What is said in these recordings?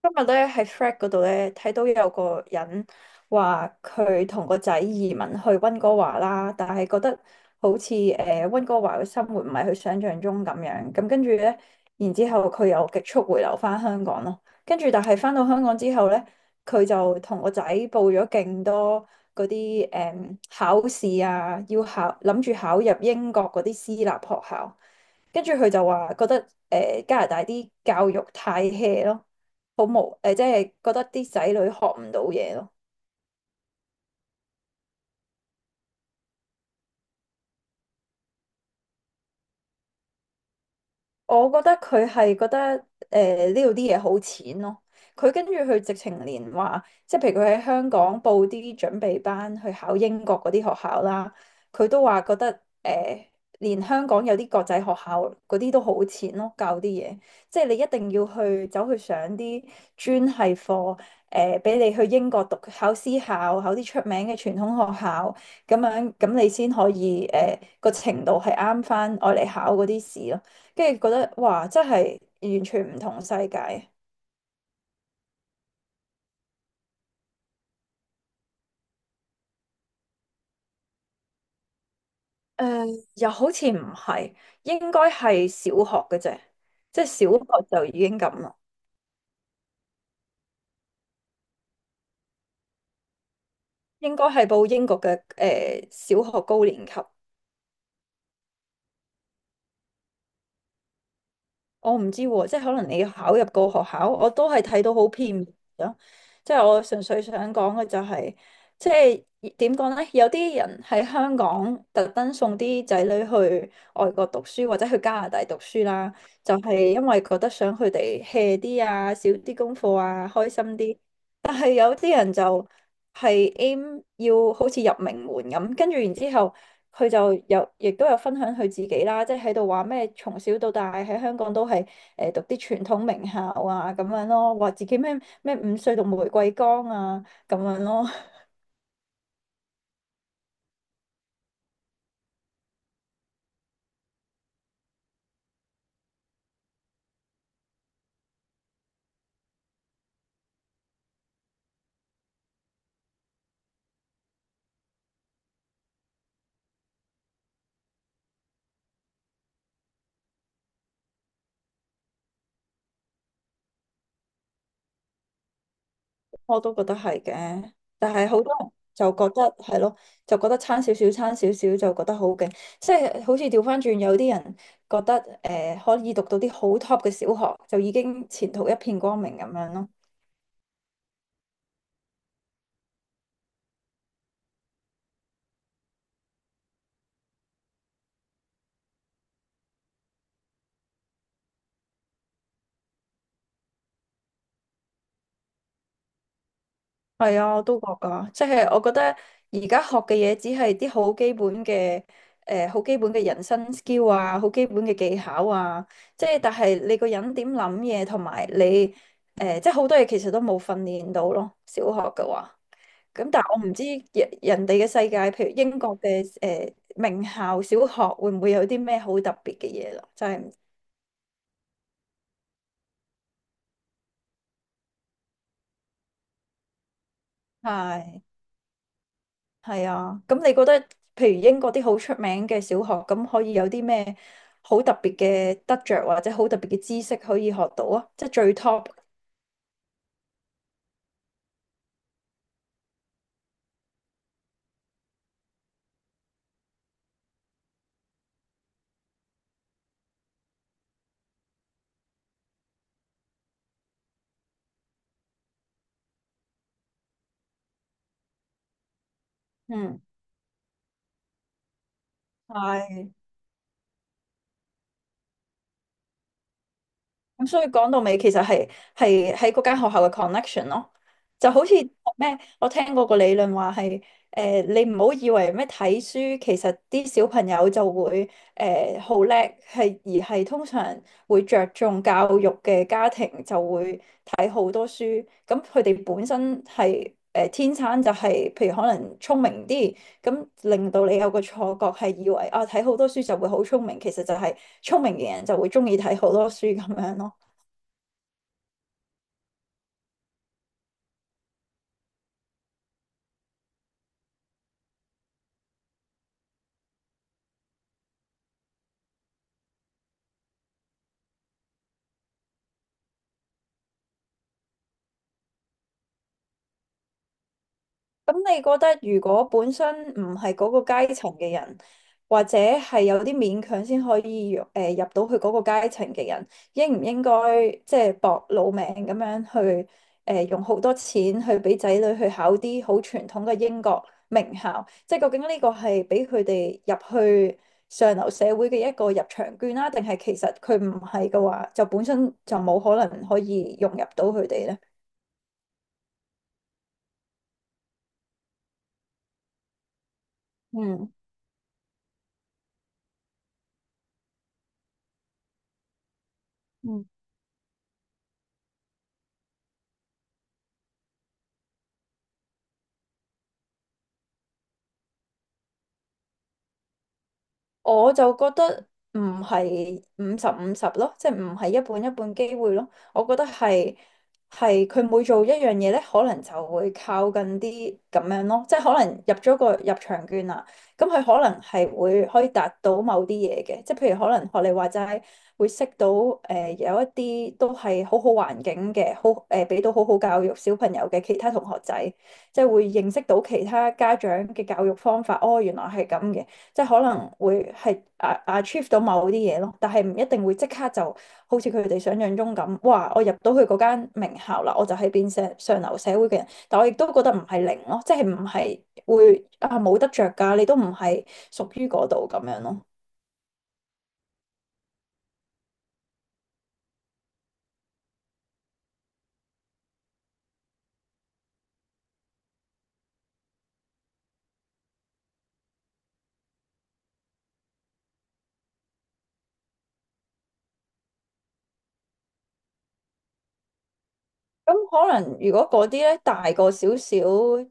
今日咧喺 Fread 嗰度咧睇到有個人話佢同個仔移民去温哥華啦，但係覺得好似温哥華嘅生活唔係佢想象中咁樣，咁跟住咧，然之後佢又極速回流翻香港咯，跟住但係翻到香港之後咧，佢就同個仔報咗勁多嗰啲考試啊，要考諗住考入英國嗰啲私立學校。跟住佢就話覺得加拿大啲教育太 hea 咯，好無即係覺得啲仔女學唔到嘢咯。我覺得佢係覺得呢度啲嘢好淺咯。佢跟住佢直情連話，即係譬如佢喺香港報啲準備班去考英國嗰啲學校啦，佢都話覺得呃，連香港有啲國際學校嗰啲都好淺咯，教啲嘢。即係你一定要去走去上啲專系課，誒俾你去英國讀考私校，考啲出名嘅傳統學校，咁樣咁你先可以程度係啱翻我嚟考嗰啲試咯。跟住覺得哇，真係完全唔同世界。又好似唔係，應該係小學嘅啫，即係小學就已經咁啦，應該係報英國嘅小學高年級。我唔知喎，即係可能你考入個學校，我都係睇到好片面咯。即係我純粹想講嘅就係、即係點講咧？有啲人喺香港特登送啲仔女去外國讀書，或者去加拿大讀書啦，就係、因為覺得想佢哋 hea 啲啊，少啲功課啊，開心啲。但係有啲人就係 aim 要好似入名門咁，跟住然之後。佢就有亦都有分享佢自己啦，即係喺度話咩從小到大喺香港都係讀啲傳統名校啊咁樣咯，話自己咩咩5歲讀玫瑰崗啊咁樣咯，我都覺得係嘅，但係好多人就覺得係咯，就覺得差少少就覺得好勁，即係好似調翻轉有啲人覺得可以讀到啲好 top 嘅小學就已經前途一片光明咁樣咯。係啊，我都覺噶，即係我覺得而家學嘅嘢只係啲好基本嘅，好基本嘅人生 skill 啊，好基本嘅技巧啊，即係但係你個人點諗嘢同埋你即係好多嘢其實都冇訓練到咯，小學嘅話。咁但係我唔知人人哋嘅世界，譬如英國嘅名校小學會唔會有啲咩好特別嘅嘢啦？真係唔係。係啊，咁你覺得譬如英國啲好出名嘅小學，咁可以有啲咩好特別嘅得着，或者好特別嘅知識可以學到啊？即係最 top。嗯，係。咁所以講到尾，其實係喺嗰間學校嘅 connection 咯，就好似咩，我聽過個理論話係你唔好以為咩睇書，其實啲小朋友就會好叻，係而係通常會着重教育嘅家庭就會睇好多書，咁佢哋本身係天生就係、譬如可能聰明啲，咁令到你有个错觉，系以为啊睇好多书就会好聪明，其实就系聪明嘅人就会中意睇好多书咁样咯。咁你覺得如果本身唔係嗰個階層嘅人，或者係有啲勉強先可以入到去嗰個階層嘅人，應唔應該即係搏老命咁樣去用好多錢去俾仔女去考啲好傳統嘅英國名校？即係究竟呢個係俾佢哋入去上流社會嘅一個入場券啦，定係其實佢唔係嘅話，就本身就冇可能可以融入到佢哋咧？嗯嗯。我就覺得唔係五十五十咯，即係唔係一半一半機會咯。我覺得係佢每做一樣嘢咧，可能就會靠近啲咁樣咯。即係可能入咗個入場券啦，咁佢可能係會可以達到某啲嘢嘅，即係譬如可能學你話齋會識到有一啲都係好好環境嘅，好到好好教育小朋友嘅其他同學仔，即係會認識到其他家長嘅教育方法。哦，原來係咁嘅。即係可能會係啊 achieve 到某啲嘢咯，但係唔一定會即刻就好似佢哋想象中咁，哇！我入到去嗰間名校啦，我就係變成上流社會嘅人，但我亦都覺得唔係零咯，即係唔係會啊冇得着㗎，你都唔係屬於嗰度咁樣咯。咁可能如果嗰啲咧大個少少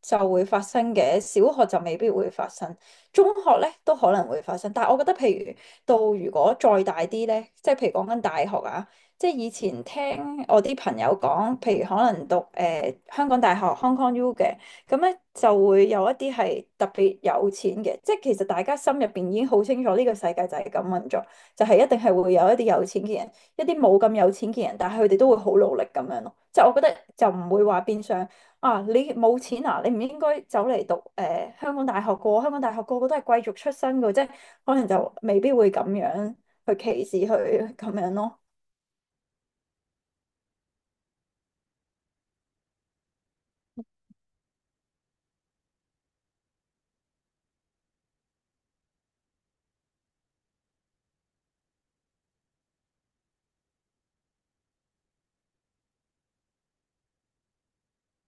就會發生嘅，小學就未必會發生，中學咧都可能會發生。但係我覺得，譬如到如果再大啲咧，即係譬如講緊大學啊，即係以前聽我啲朋友講，譬如可能讀香港大學 Hong Kong U 嘅，咁咧就會有一啲係特別有錢嘅，即係其實大家心入邊已經好清楚呢個世界就係咁運作，就係、一定係會有一啲有錢嘅人。一啲冇咁有錢嘅人，但係佢哋都會好努力咁樣咯。即係我覺得就唔會話變相啊，你冇錢啊，你唔應該走嚟讀香港大學個，香港大學個個都係貴族出身嘅，即係可能就未必會咁樣去歧視佢咁樣咯。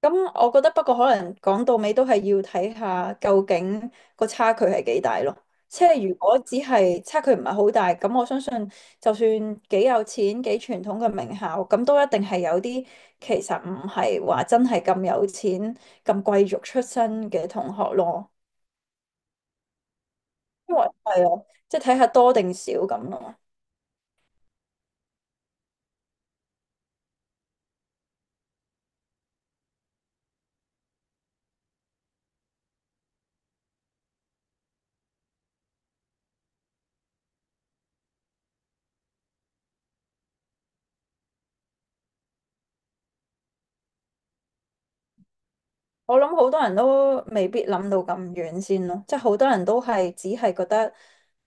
咁我覺得不過可能講到尾都係要睇下究竟個差距係幾大咯。即係如果只係差距唔係好大，咁我相信就算幾有錢、幾傳統嘅名校，咁都一定係有啲其實唔係話真係咁有錢、咁貴族出身嘅同學咯。因為係啊，即係睇下多定少咁咯。我諗好多人都未必諗到咁遠先咯，即係好多人都係只係覺得，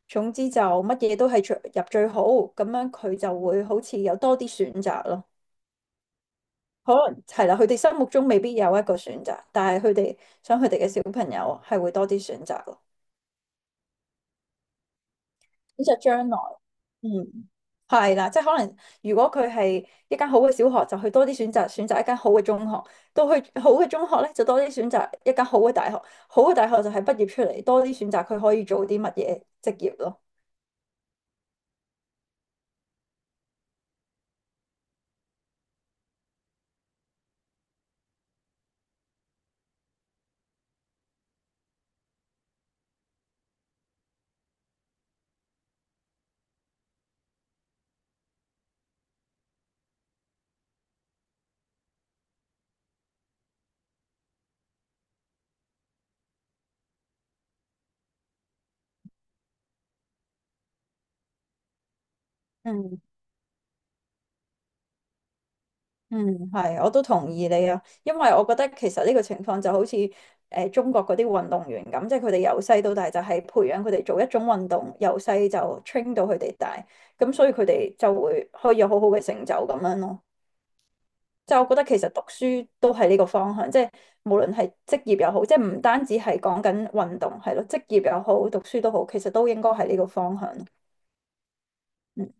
總之就乜嘢都係最入最好，咁樣佢就會好似有多啲選擇咯。可能係啦，佢哋心目中未必有一個選擇，但係佢哋想佢哋嘅小朋友係會多啲選擇咯。呢就將來，嗯，係啦，即係可能如果佢係一間好嘅小學，就去多啲選擇，選擇一間好嘅中學；到去好嘅中學咧，就多啲選擇一間好嘅大學。好嘅大學就係畢業出嚟，多啲選擇佢可以做啲乜嘢職業咯。嗯嗯係，我都同意你啊，因為我覺得其實呢個情況就好似中國嗰啲運動員咁，即係佢哋由細到大就係培養佢哋做一種運動，由細就 train 到佢哋大，咁所以佢哋就會可以有好好嘅成就咁樣咯。就我覺得其實讀書都係呢個方向，即係無論係職業又好，即係唔單止係講緊運動係咯，職業又好，讀書都好，其實都應該係呢個方向嗯